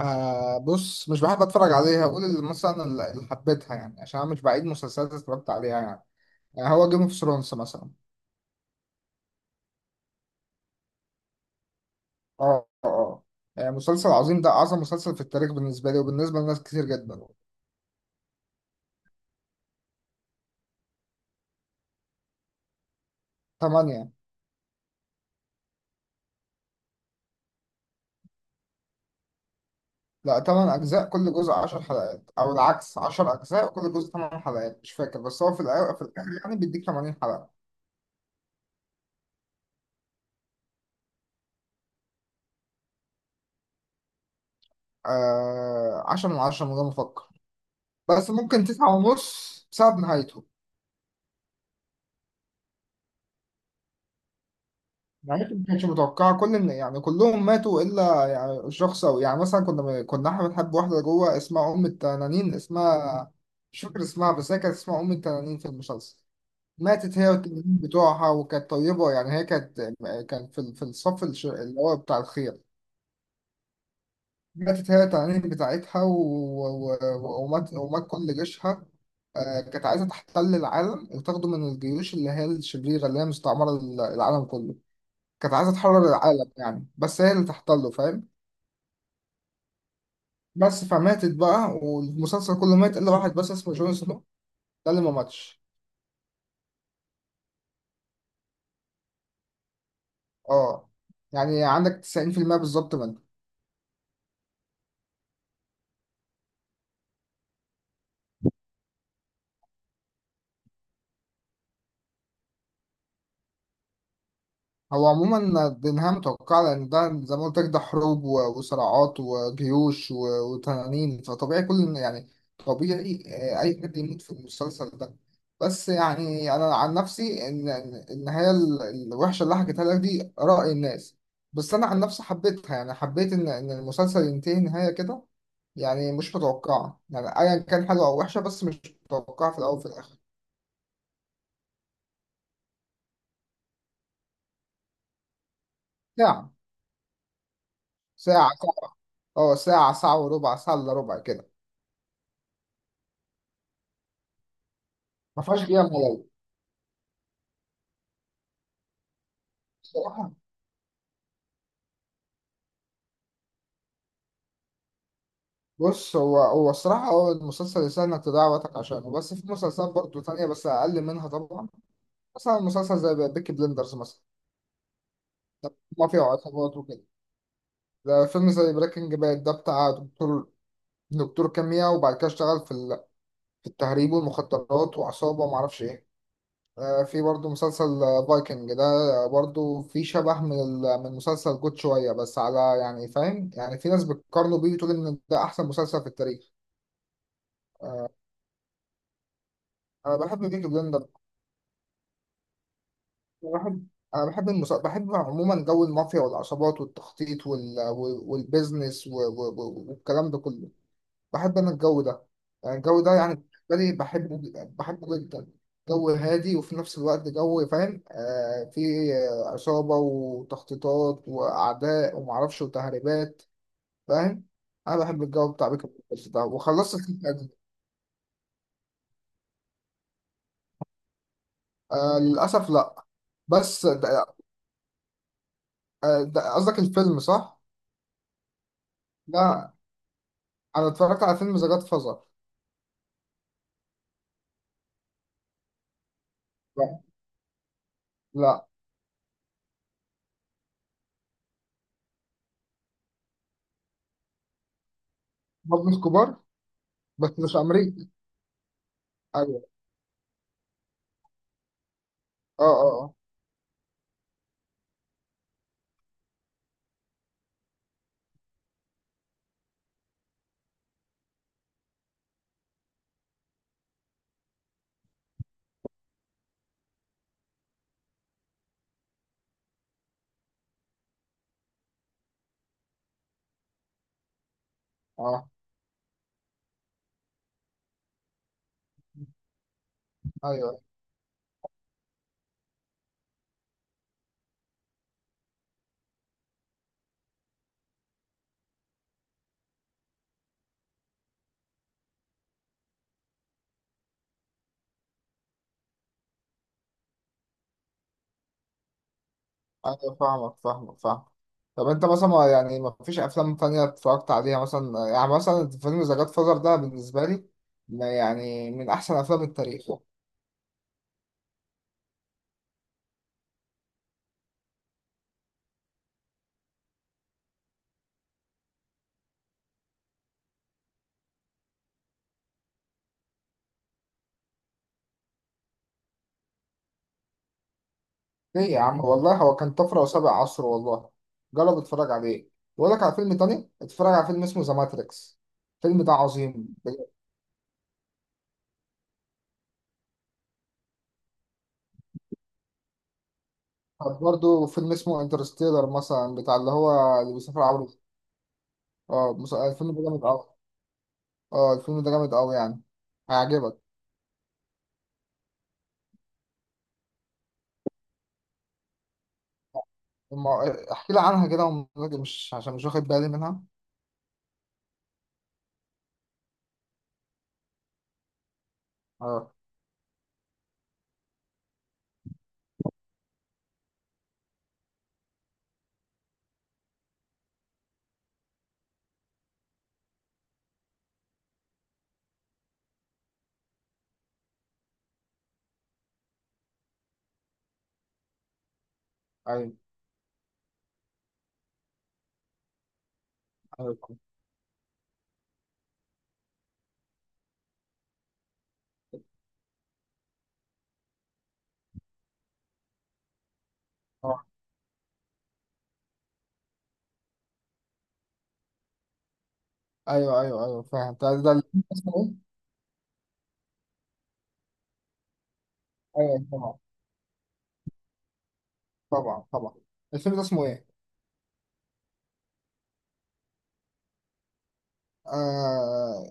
بص، مش بحب اتفرج عليها، اقول اللي مثلا اللي حبيتها، يعني عشان انا مش بعيد مسلسلات اتفرجت عليها يعني. هو جيم اوف ثرونز مثلا. اه، اه، آه. يعني مسلسل عظيم، ده اعظم مسلسل في التاريخ بالنسبه لي وبالنسبه لناس كتير جدا. ثمانية. لا، ثمان اجزاء، كل جزء 10 حلقات، او العكس 10 اجزاء كل جزء 8 حلقات، مش فاكر، بس هو في الاول في الاخر يعني بيديك 80 حلقه. آه، 10 من 10 من غير ما افكر. بس ممكن 9 ونص بسبب نهايته. نهايته ما كانتش متوقعة، يعني كلهم ماتوا إلا يعني شخص، أو يعني مثلا كنا إحنا بنحب واحدة جوه اسمها أم التنانين، اسمها مش فاكر اسمها، بس هي كانت اسمها أم التنانين في المسلسل. ماتت هي والتنانين بتوعها، وكانت طيبة، يعني هي كانت، كانت في الصف اللي هو بتاع الخير. ماتت هي والتنانين بتاعتها ومات كل جيشها. كانت عايزة تحتل العالم وتاخده من الجيوش اللي هي الشريرة، اللي هي مستعمرة العالم كله. كانت عايزة تحرر العالم يعني، بس هي اللي تحتله، فاهم. بس فماتت بقى، والمسلسل كله مات إلا واحد بس اسمه جون سنو، ده اللي ما ماتش. اه، يعني عندك 90%. بالظبط. هو عموما دينها متوقع، لأن ده زي ما قلت لك، ده حروب وصراعات وجيوش وتنانين، فطبيعي كل يعني، طبيعي، أي حد يموت في المسلسل ده. بس يعني أنا عن نفسي، النهاية الوحشة اللي حكيتها لك دي رأي الناس. بس أنا عن نفسي حبيتها، يعني حبيت إن المسلسل ينتهي نهاية كده، يعني مش متوقعة، يعني أيا كان حلوة أو وحشة، بس مش متوقعة في الأول وفي الآخر. ساعة. ساعة ساعة. أه، ساعة ساعة وربع، ساعة إلا ربع كده. ما فيهاش دقيقة. صراحة، بص، هو الصراحة، هو المسلسل يسهل إنك تضيع وقتك عشانه، بس في مسلسلات برضه تانية، بس أقل منها طبعا. مثلا مسلسل زي بيكي بلندرز مثلا، ما فيه عصابات وكده. ده فيلم زي بريكنج باد، ده بتاع دكتور، دكتور كيمياء، وبعد كده اشتغل في التهريب والمخدرات وعصابة ومعرفش إيه. في برضه مسلسل فايكنج ده، برضه في شبه من مسلسل جود شوية، بس على يعني، فاهم، يعني في ناس بتقارنه بيه وتقول إن ده أحسن مسلسل في التاريخ. أنا بحب بيكي بلندرز. أنا بحب، أنا بحب بحب عموما جو المافيا والعصابات والتخطيط والبيزنس والكلام ده كله. بحب أنا الجو ده، يعني الجو ده يعني، بالنسبة لي بحبه بحبه جدا. جو هادي وفي نفس الوقت جو، فاهم، فيه عصابة وتخطيطات وأعداء ومعرفش وتهريبات، فاهم. أنا بحب الجو بتاع بيك بس ده، وخلصت الفيلم. آه، للأسف لأ. بس ده- قصدك الفيلم صح؟ لا، انا اتفرجت على فيلم ذا جاد فازر. لا. لا، برضه الكبار، بس مش امريكي. ايوه. اه، اه، اه، اه، ايوه، ايوه، فاهمك، فاهمك، فاهمك. طب انت مثلا، يعني ما فيش افلام تانية اتفرجت عليها، مثلا، يعني مثلا فيلم ذا جاد فازر ده، بالنسبه لي ما يعني من احسن افلام التاريخ. ليه يا عم؟ والله هو كان طفره وسابق عصره، والله جرب اتفرج عليه. بقول لك على فيلم تاني، اتفرج على فيلم اسمه ذا ماتريكس، الفيلم ده عظيم. طب برضه فيلم اسمه انترستيلر مثلا، بتاع اللي هو اللي بيسافر عبر. الفيلم ده جامد قوي، اه الفيلم ده جامد قوي يعني، هيعجبك. احكي لي عنها كده مش عشان مش واخد بالي منها. اه، ايوه، ايوه. اه، ايوه، ايوه، ايوه، فاهم، ده الفيلم اسمه ايه؟ ايوه، طبعا. طبعا، طبعا. الفيلم ده اسمه ايه؟ آه،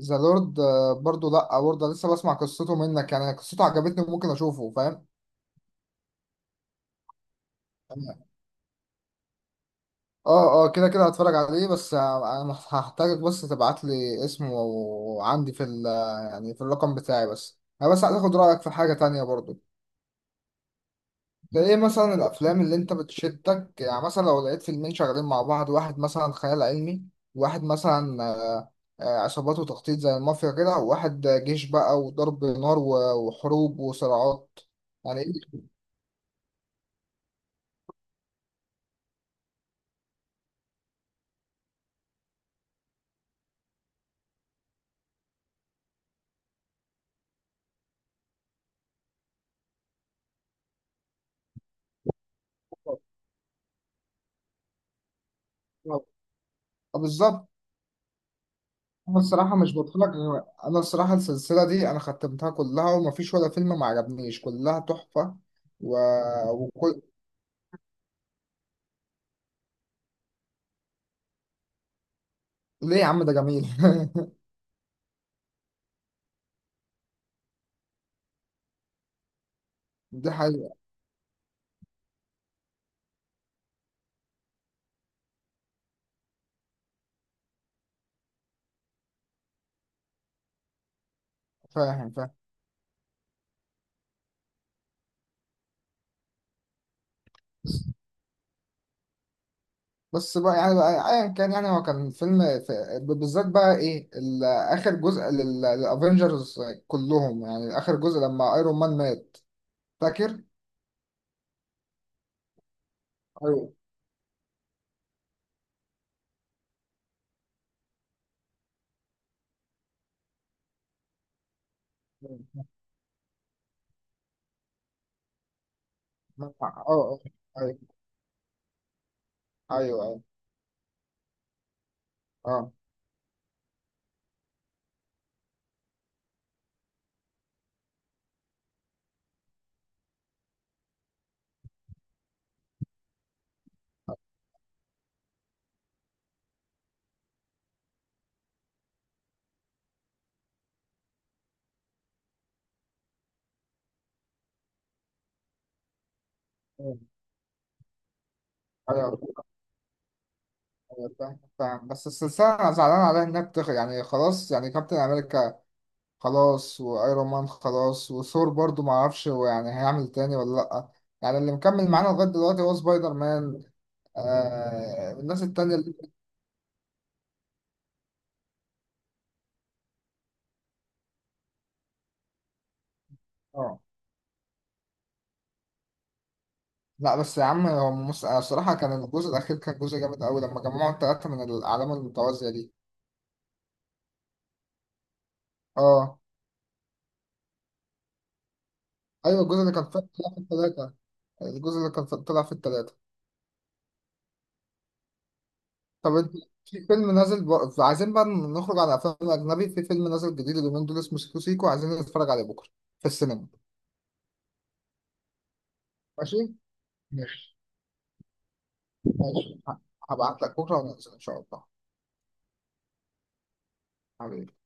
ذا لورد، آه، برضه لا، برضه لسه بسمع قصته منك يعني، قصته عجبتني، ممكن اشوفه، فاهم. اه، اه، كده كده هتفرج عليه، بس انا هحتاجك بس تبعت لي اسمه، وعندي في ال، يعني في الرقم بتاعي، بس انا بس عايز اخد رايك في حاجه تانية برضو. ده ايه مثلا الافلام اللي انت بتشدك؟ يعني مثلا لو لقيت فيلمين شغالين مع بعض، واحد مثلا خيال علمي، وواحد مثلا عصابات وتخطيط زي المافيا كده، وواحد جيش بقى وضرب نار وحروب وصراعات. يعني ايه اللي- آه، بالظبط. انا الصراحه مش بتفرج انا الصراحه السلسله دي انا ختمتها كلها، ومفيش ولا فيلم ما عجبنيش، كلها تحفه. و... وكل. ليه يا عم؟ ده جميل. دي حقيقه. فاهم، فاهم. بس بقى، يعني بقى ايا كان، يعني هو كان فيلم، ف... بالذات بقى ايه اخر جزء للافينجرز، كلهم، يعني اخر جزء لما ايرون مان مات، فاكر؟ ايوه. اه، آه. ايوه، ايوه، اه، ايوه، فاهم، فاهم. بس السلسلة أنا زعلان عليها، إنها بتخ يعني خلاص، يعني كابتن أمريكا خلاص، وأيرون مان خلاص، وثور برضو معرفش هو يعني هيعمل تاني ولا لأ. يعني اللي مكمل معانا لغاية دلوقتي هو سبايدر مان، آه، الناس التانية اللي. آه، لا، بس يا عم، الصراحة كان الجزء الأخير كان جزء جامد أوي، لما جمعوا التلاتة من الأعلام المتوازية دي. آه. أيوة، الجزء اللي كان طلع في التلاتة. الجزء اللي كان طلع في التلاتة. طب انت، في فيلم نازل عايزين بقى نخرج على افلام اجنبي، في فيلم نازل جديد اليومين دول اسمه سيكو سيكو، عايزين نتفرج عليه بكره في السينما. ماشي، ماشي، ماشي، هبعت لك بكره وننزل ان شاء الله. حبيبي.